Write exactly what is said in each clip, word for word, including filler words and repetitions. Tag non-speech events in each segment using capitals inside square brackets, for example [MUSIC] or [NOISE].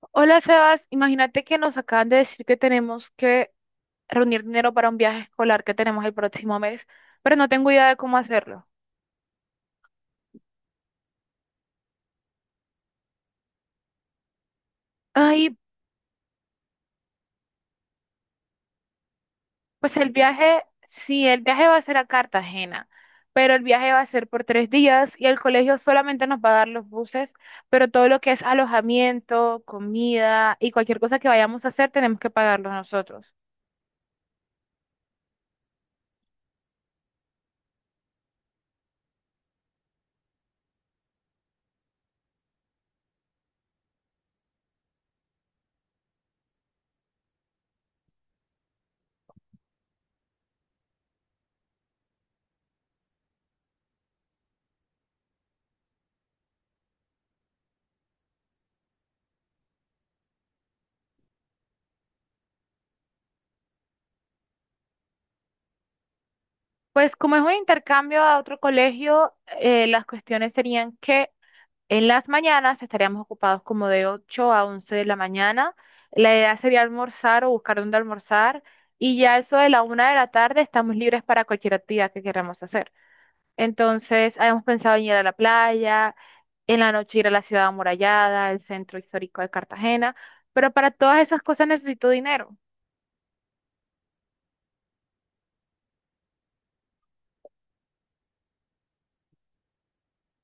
Hola Sebas, imagínate que nos acaban de decir que tenemos que reunir dinero para un viaje escolar que tenemos el próximo mes, pero no tengo idea de cómo hacerlo. Ay, pues el viaje, sí, el viaje va a ser a Cartagena, pero el viaje va a ser por tres días y el colegio solamente nos va a dar los buses, pero todo lo que es alojamiento, comida y cualquier cosa que vayamos a hacer tenemos que pagarlo nosotros. Pues como es un intercambio a otro colegio, eh, las cuestiones serían que en las mañanas estaríamos ocupados como de ocho a once de la mañana. La idea sería almorzar o buscar dónde almorzar, y ya eso de la una de la tarde estamos libres para cualquier actividad que queramos hacer. Entonces, habíamos pensado en ir a la playa, en la noche ir a la ciudad amurallada, el centro histórico de Cartagena, pero para todas esas cosas necesito dinero.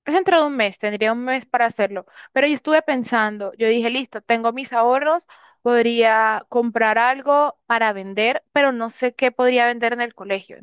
Es dentro de un mes, tendría un mes para hacerlo. Pero yo estuve pensando, yo dije, listo, tengo mis ahorros, podría comprar algo para vender, pero no sé qué podría vender en el colegio.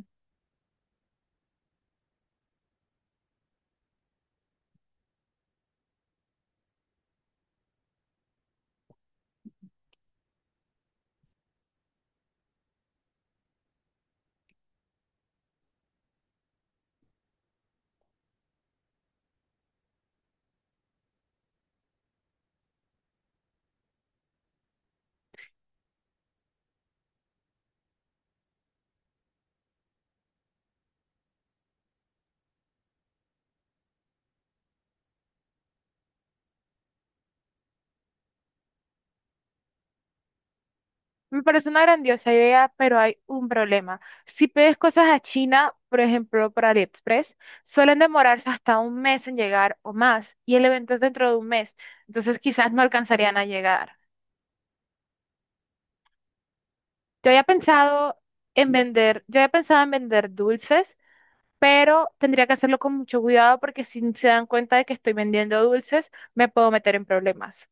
Me parece una grandiosa idea, pero hay un problema. Si pides cosas a China, por ejemplo, por AliExpress, suelen demorarse hasta un mes en llegar o más, y el evento es dentro de un mes, entonces quizás no alcanzarían a llegar. Yo había pensado en vender, yo había pensado en vender dulces, pero tendría que hacerlo con mucho cuidado porque si se dan cuenta de que estoy vendiendo dulces, me puedo meter en problemas.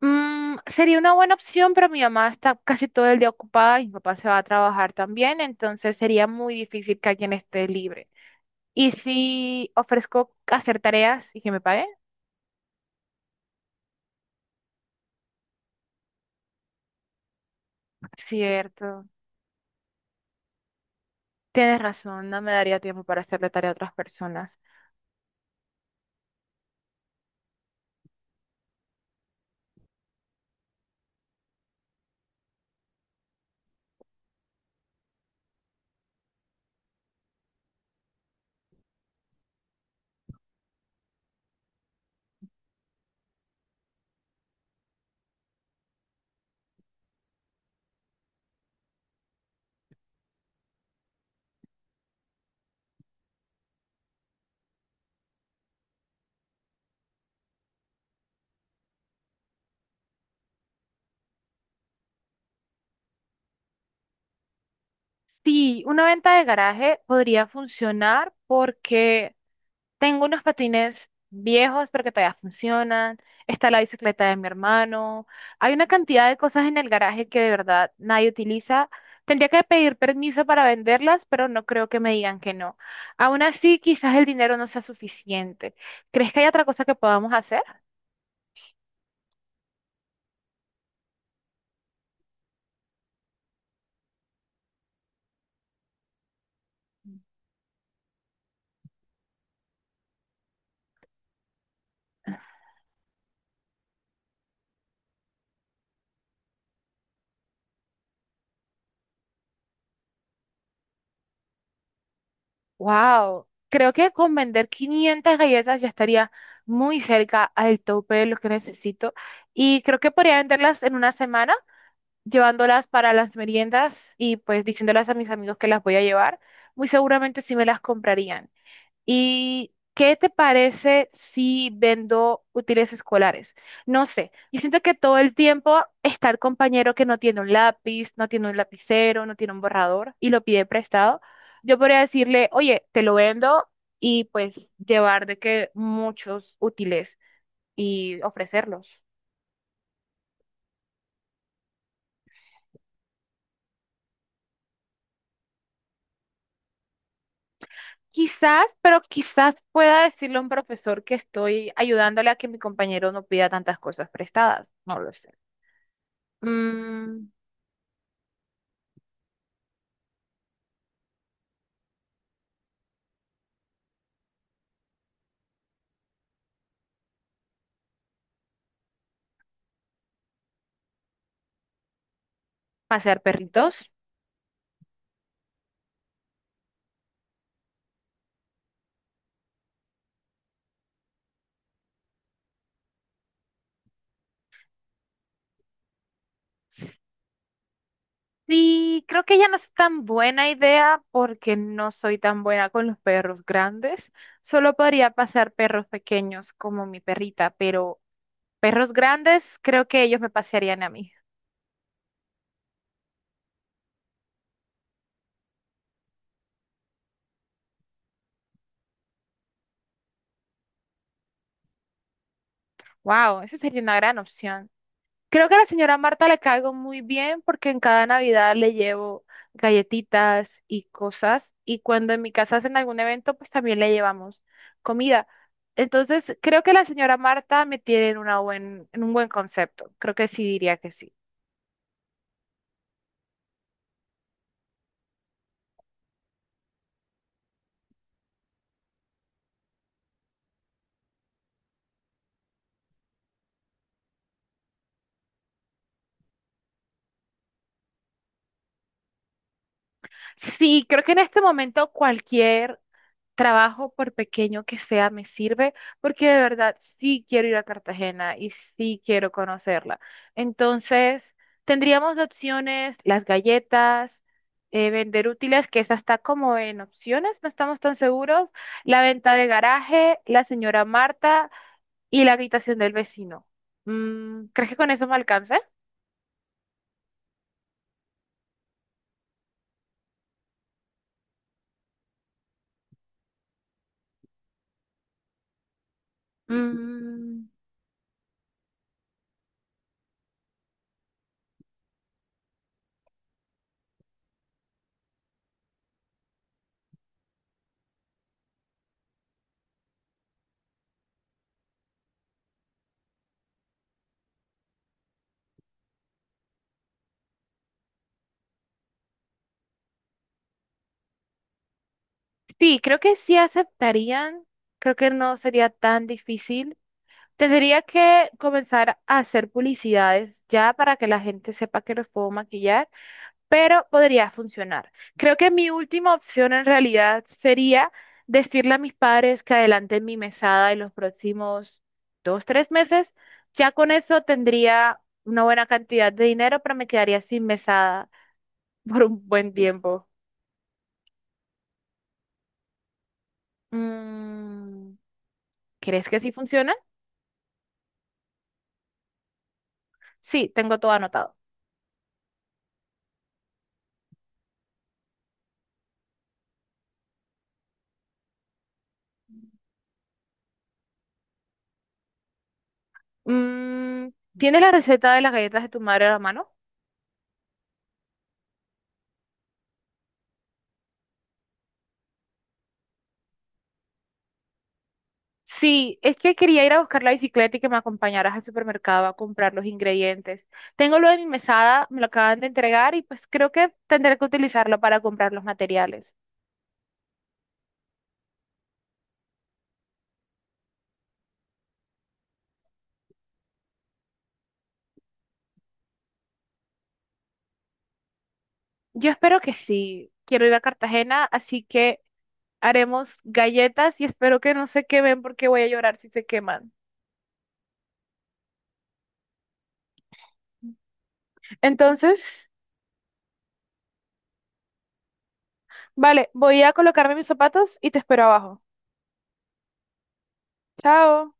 Mm, sería una buena opción, pero mi mamá está casi todo el día ocupada y mi papá se va a trabajar también, entonces sería muy difícil que alguien esté libre. Y si ofrezco hacer tareas y que me paguen, cierto, tienes razón, no me daría tiempo para hacerle tarea a otras personas. Sí, una venta de garaje podría funcionar porque tengo unos patines viejos, pero que todavía funcionan. Está la bicicleta de mi hermano. Hay una cantidad de cosas en el garaje que de verdad nadie utiliza. Tendría que pedir permiso para venderlas, pero no creo que me digan que no. Aún así, quizás el dinero no sea suficiente. ¿Crees que hay otra cosa que podamos hacer? Wow, creo que con vender quinientas galletas ya estaría muy cerca al tope de lo que necesito, y creo que podría venderlas en una semana, llevándolas para las meriendas y pues diciéndolas a mis amigos que las voy a llevar. Muy seguramente sí me las comprarían. ¿Y qué te parece si vendo útiles escolares? No sé, yo siento que todo el tiempo está el compañero que no tiene un lápiz, no tiene un lapicero, no tiene un borrador y lo pide prestado. Yo podría decirle, oye, te lo vendo y pues llevar de que muchos útiles y ofrecerlos. Quizás, pero quizás pueda decirle a un profesor que estoy ayudándole a que mi compañero no pida tantas cosas prestadas. No lo sé. Mm, Pasear perritos. Sí, creo que ya no es tan buena idea porque no soy tan buena con los perros grandes. Solo podría pasar perros pequeños como mi perrita, pero perros grandes creo que ellos me pasearían a mí. Wow, esa sería una gran opción. Creo que a la señora Marta le caigo muy bien porque en cada Navidad le llevo galletitas y cosas, y cuando en mi casa hacen algún evento, pues también le llevamos comida. Entonces, creo que la señora Marta me tiene en, una buen, en un buen concepto. Creo que sí diría que sí. Sí, creo que en este momento cualquier trabajo, por pequeño que sea, me sirve, porque de verdad sí quiero ir a Cartagena y sí quiero conocerla. Entonces, tendríamos de opciones las galletas, eh, vender útiles, que esa está como en opciones, no estamos tan seguros, la venta de garaje, la señora Marta y la habitación del vecino. Mm, ¿crees que con eso me alcance? Mm, sí, creo que sí aceptarían. Creo que no sería tan difícil. Tendría que comenzar a hacer publicidades ya para que la gente sepa que los puedo maquillar, pero podría funcionar. Creo que mi última opción en realidad sería decirle a mis padres que adelanten mi mesada en los próximos dos, tres meses. Ya con eso tendría una buena cantidad de dinero, pero me quedaría sin mesada [LAUGHS] por un buen tiempo. Mm, ¿Crees que sí funciona? Sí, tengo todo anotado. Mm, ¿Tienes la receta de las galletas de tu madre a la mano? Sí, es que quería ir a buscar la bicicleta y que me acompañaras al supermercado a comprar los ingredientes. Tengo lo de mi mesada, me lo acaban de entregar y pues creo que tendré que utilizarlo para comprar los materiales. Yo espero que sí. Quiero ir a Cartagena, así que haremos galletas y espero que no se quemen porque voy a llorar si se queman. Entonces, vale, voy a colocarme mis zapatos y te espero abajo. Chao.